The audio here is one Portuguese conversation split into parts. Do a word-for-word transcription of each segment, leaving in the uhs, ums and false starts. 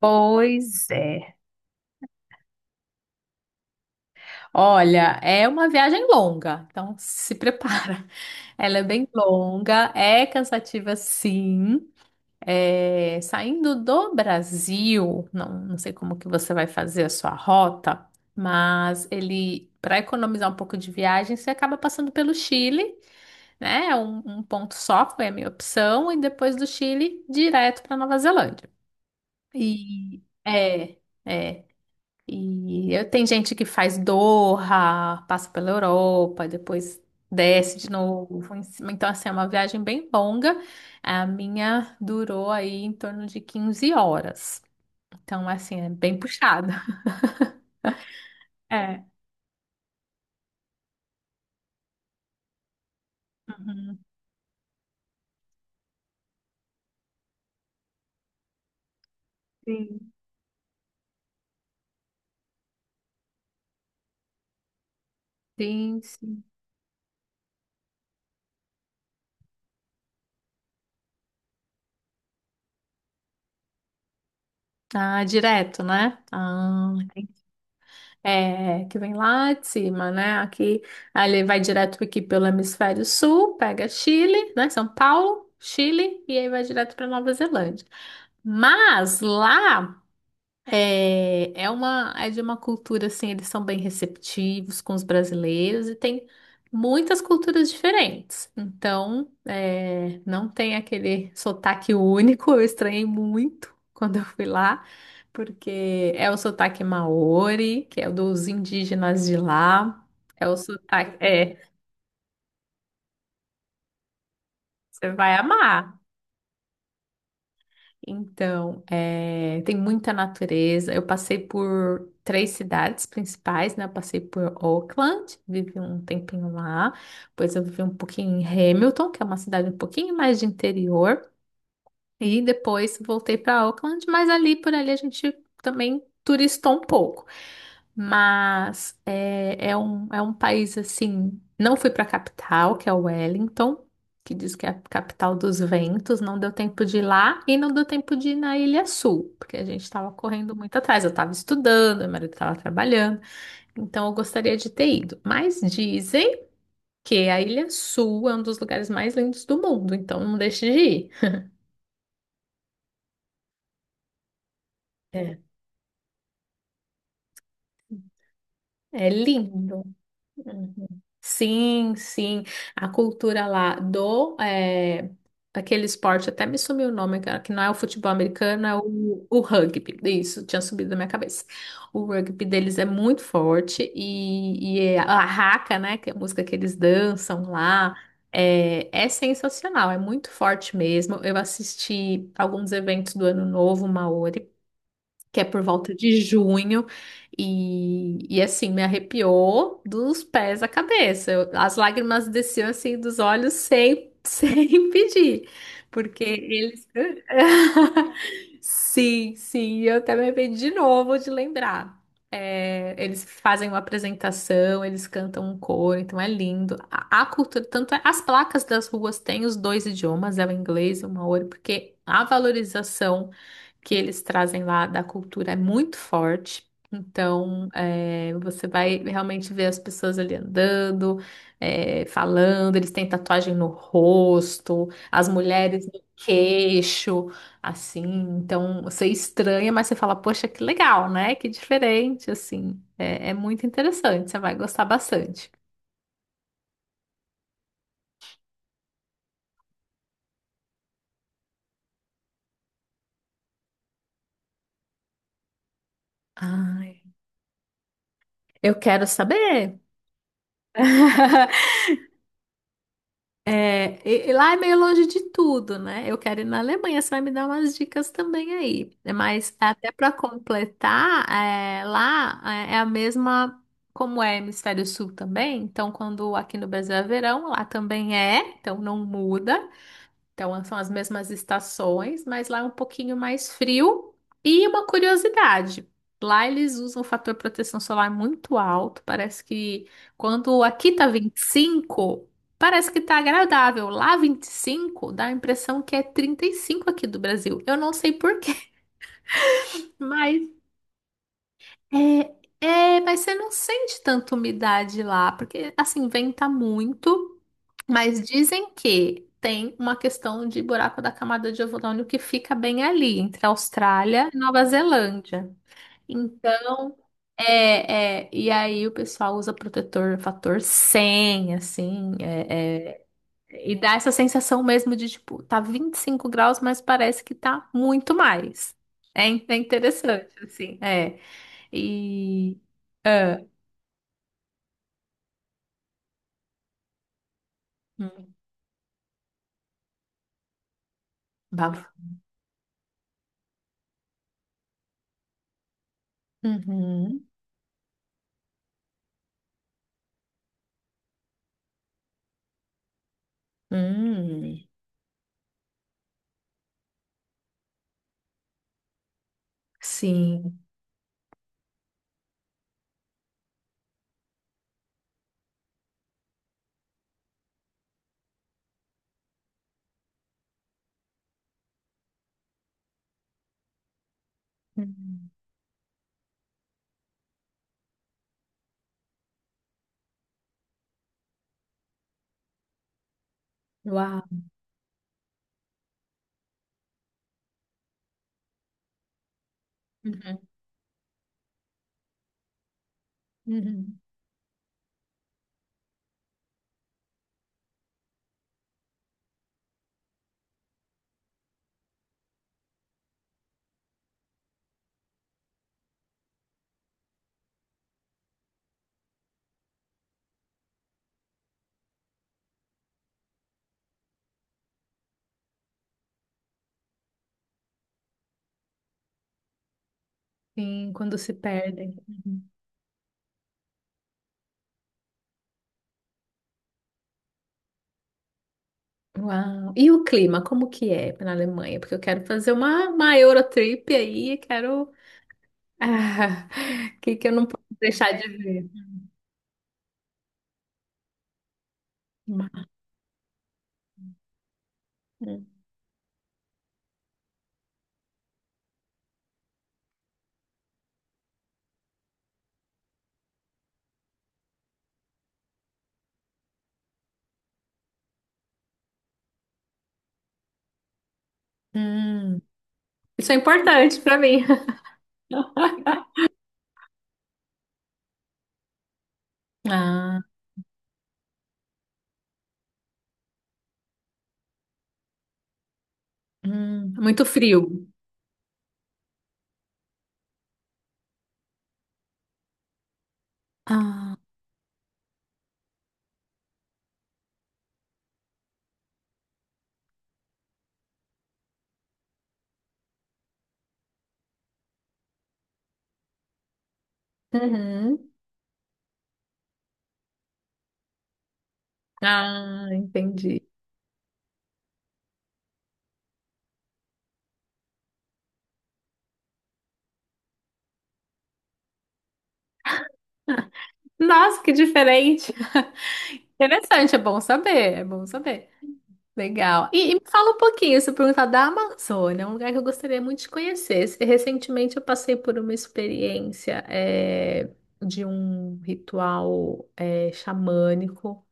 Pois é. Olha, é uma viagem longa, então se prepara. Ela é bem longa, é cansativa sim. É, saindo do Brasil, não, não sei como que você vai fazer a sua rota, mas ele, para economizar um pouco de viagem, você acaba passando pelo Chile, né? Um, um ponto só foi a minha opção, e depois do Chile, direto para Nova Zelândia. E é. É. E eu, tem gente que faz Doha, passa pela Europa, depois desce de novo em cima. Então, assim, é uma viagem bem longa. A minha durou aí em torno de quinze horas. Então, assim, é bem puxada. É. Uhum. Sim. Sim, sim. Ah, direto, né? Ah, é, que vem lá de cima, né? Aqui, aí ele vai direto aqui pelo hemisfério sul, pega Chile, né? São Paulo, Chile, e aí vai direto para Nova Zelândia. Mas lá. É, é uma, é de uma cultura assim, eles são bem receptivos com os brasileiros e tem muitas culturas diferentes. Então, é, não tem aquele sotaque único. Eu estranhei muito quando eu fui lá, porque é o sotaque maori, que é o dos indígenas de lá. É o sotaque, é, Você vai amar. Então, é, tem muita natureza. Eu passei por três cidades principais, né? Eu passei por Auckland, vivi um tempinho lá. Depois eu vivi um pouquinho em Hamilton, que é uma cidade um pouquinho mais de interior. E depois voltei para Auckland, mas ali por ali a gente também turistou um pouco. Mas é, é um, é um país assim. Não fui para a capital, que é Wellington, que diz que é a capital dos ventos. Não deu tempo de ir lá e não deu tempo de ir na Ilha Sul, porque a gente estava correndo muito atrás. Eu estava estudando, meu marido estava trabalhando, então eu gostaria de ter ido. Mas dizem que a Ilha Sul é um dos lugares mais lindos do mundo, então não deixe de ir. É. É lindo. Uhum. Sim, sim. A cultura lá do é, Aquele esporte até me sumiu o nome, cara, que não é o futebol americano, é o, o rugby. Isso, tinha subido da minha cabeça. O rugby deles é muito forte e, e é- a raca, né, que é a música que eles dançam lá, é, é sensacional, é muito forte mesmo. Eu assisti alguns eventos do Ano Novo Maori, que é por volta de junho, e, e assim, me arrepiou dos pés à cabeça. Eu- as lágrimas desciam assim dos olhos sem, sem pedir, porque eles. Sim, sim, eu até me arrependi de novo de lembrar. É, eles fazem uma apresentação, eles cantam um coro, então é lindo. A, a cultura, tanto é, as placas das ruas têm os dois idiomas, é o inglês e o maori, porque a valorização que eles trazem lá da cultura é muito forte. Então, é, você vai realmente ver as pessoas ali andando, é, falando, eles têm tatuagem no rosto, as mulheres no queixo, assim. Então, você estranha, mas você fala, poxa, que legal, né? Que diferente, assim. É, é muito interessante, você vai gostar bastante. Ai, eu quero saber. É, e- e lá é meio longe de tudo, né? Eu quero ir na Alemanha, você vai me dar umas dicas também aí. Mas até para completar, é, lá é é a mesma, como é Hemisfério Sul também. Então, quando aqui no Brasil é verão, lá também é, então não muda. Então, são as mesmas estações, mas lá é um pouquinho mais frio. E uma curiosidade: lá eles usam um fator proteção solar muito alto. Parece que quando aqui tá vinte e cinco, parece que tá agradável. Lá vinte e cinco dá a impressão que é trinta e cinco aqui do Brasil. Eu não sei por quê, mas é, é, mas você não sente tanta umidade lá, porque assim, venta muito. Mas dizem que tem uma questão de buraco da camada de ozônio que fica bem ali, entre a Austrália e Nova Zelândia. Então, é, é, e aí o pessoal usa protetor fator cem, assim, é, é, e dá essa sensação mesmo de, tipo, tá vinte e cinco graus, mas parece que tá muito mais. É, in- é interessante, assim, é. E... ah, hum, bafo. Uhum. Hum, sim. Hum. Uau. Uhum, uhum. Sim, quando se perdem. Uhum. Uau. E o clima, como que é na Alemanha? Porque eu quero fazer uma, uma Eurotrip aí, e quero... Ah, que que eu não posso deixar de ver? Hum. Hum. Isso é importante para mim. Ah, hum, muito frio. Ah, uhum. Ah, entendi. Nossa, que diferente. Interessante, é bom saber, é bom saber. Legal. E, e me fala um pouquinho, se eu perguntar da Amazônia, um lugar que eu gostaria muito de conhecer. Se- Recentemente eu passei por uma experiência eh, de um ritual eh, xamânico.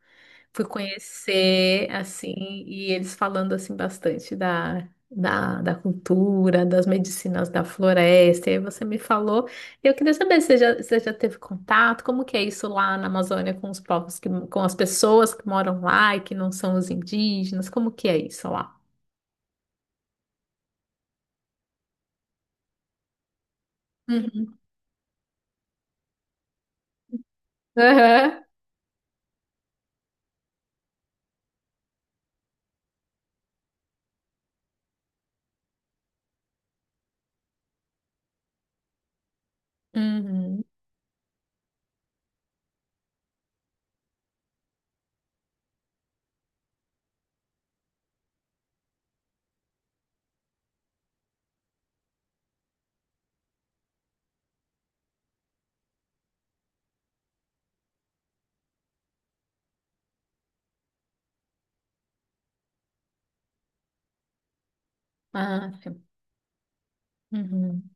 Fui conhecer, assim, e eles falando, assim, bastante da, da, da cultura, das medicinas da floresta. E aí você me falou. E eu queria saber se você já, se você já teve contato, como que é isso lá na Amazônia com os povos, que, com as pessoas que moram lá e que não são os indígenas. Como que é isso lá? Uhum. Aham. Uhum. Ah, sim. Uhum.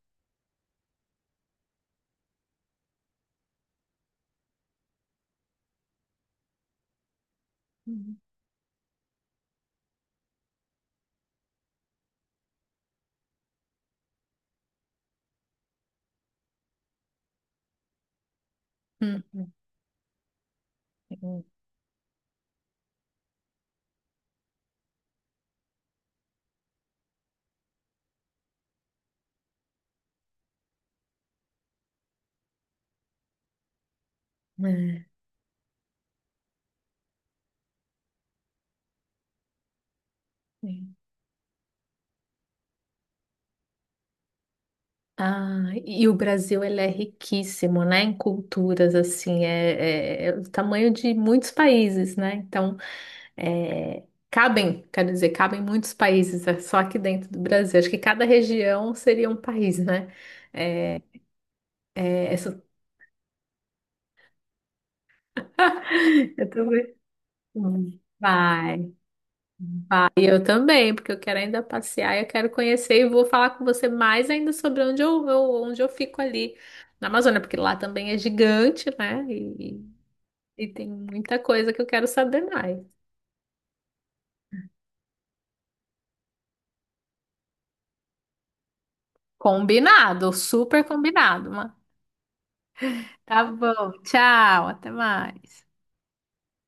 Uhum. Uhum. Uhum. Ah, e o Brasil ele é riquíssimo, né, em culturas, assim, é, é- é o tamanho de muitos países, né? Então, é, cabem, quero dizer, cabem muitos países, é só aqui dentro do Brasil. Acho que cada região seria um país, né? É, é, essa- Eu também. Vai, vai. Eu também, porque eu quero ainda passear, eu quero conhecer e vou falar com você mais ainda sobre onde eu, eu- onde eu fico ali na Amazônia, porque lá também é gigante, né? E tem muita coisa que eu quero saber mais. Combinado, super combinado, mano. Tá bom, tchau, até mais.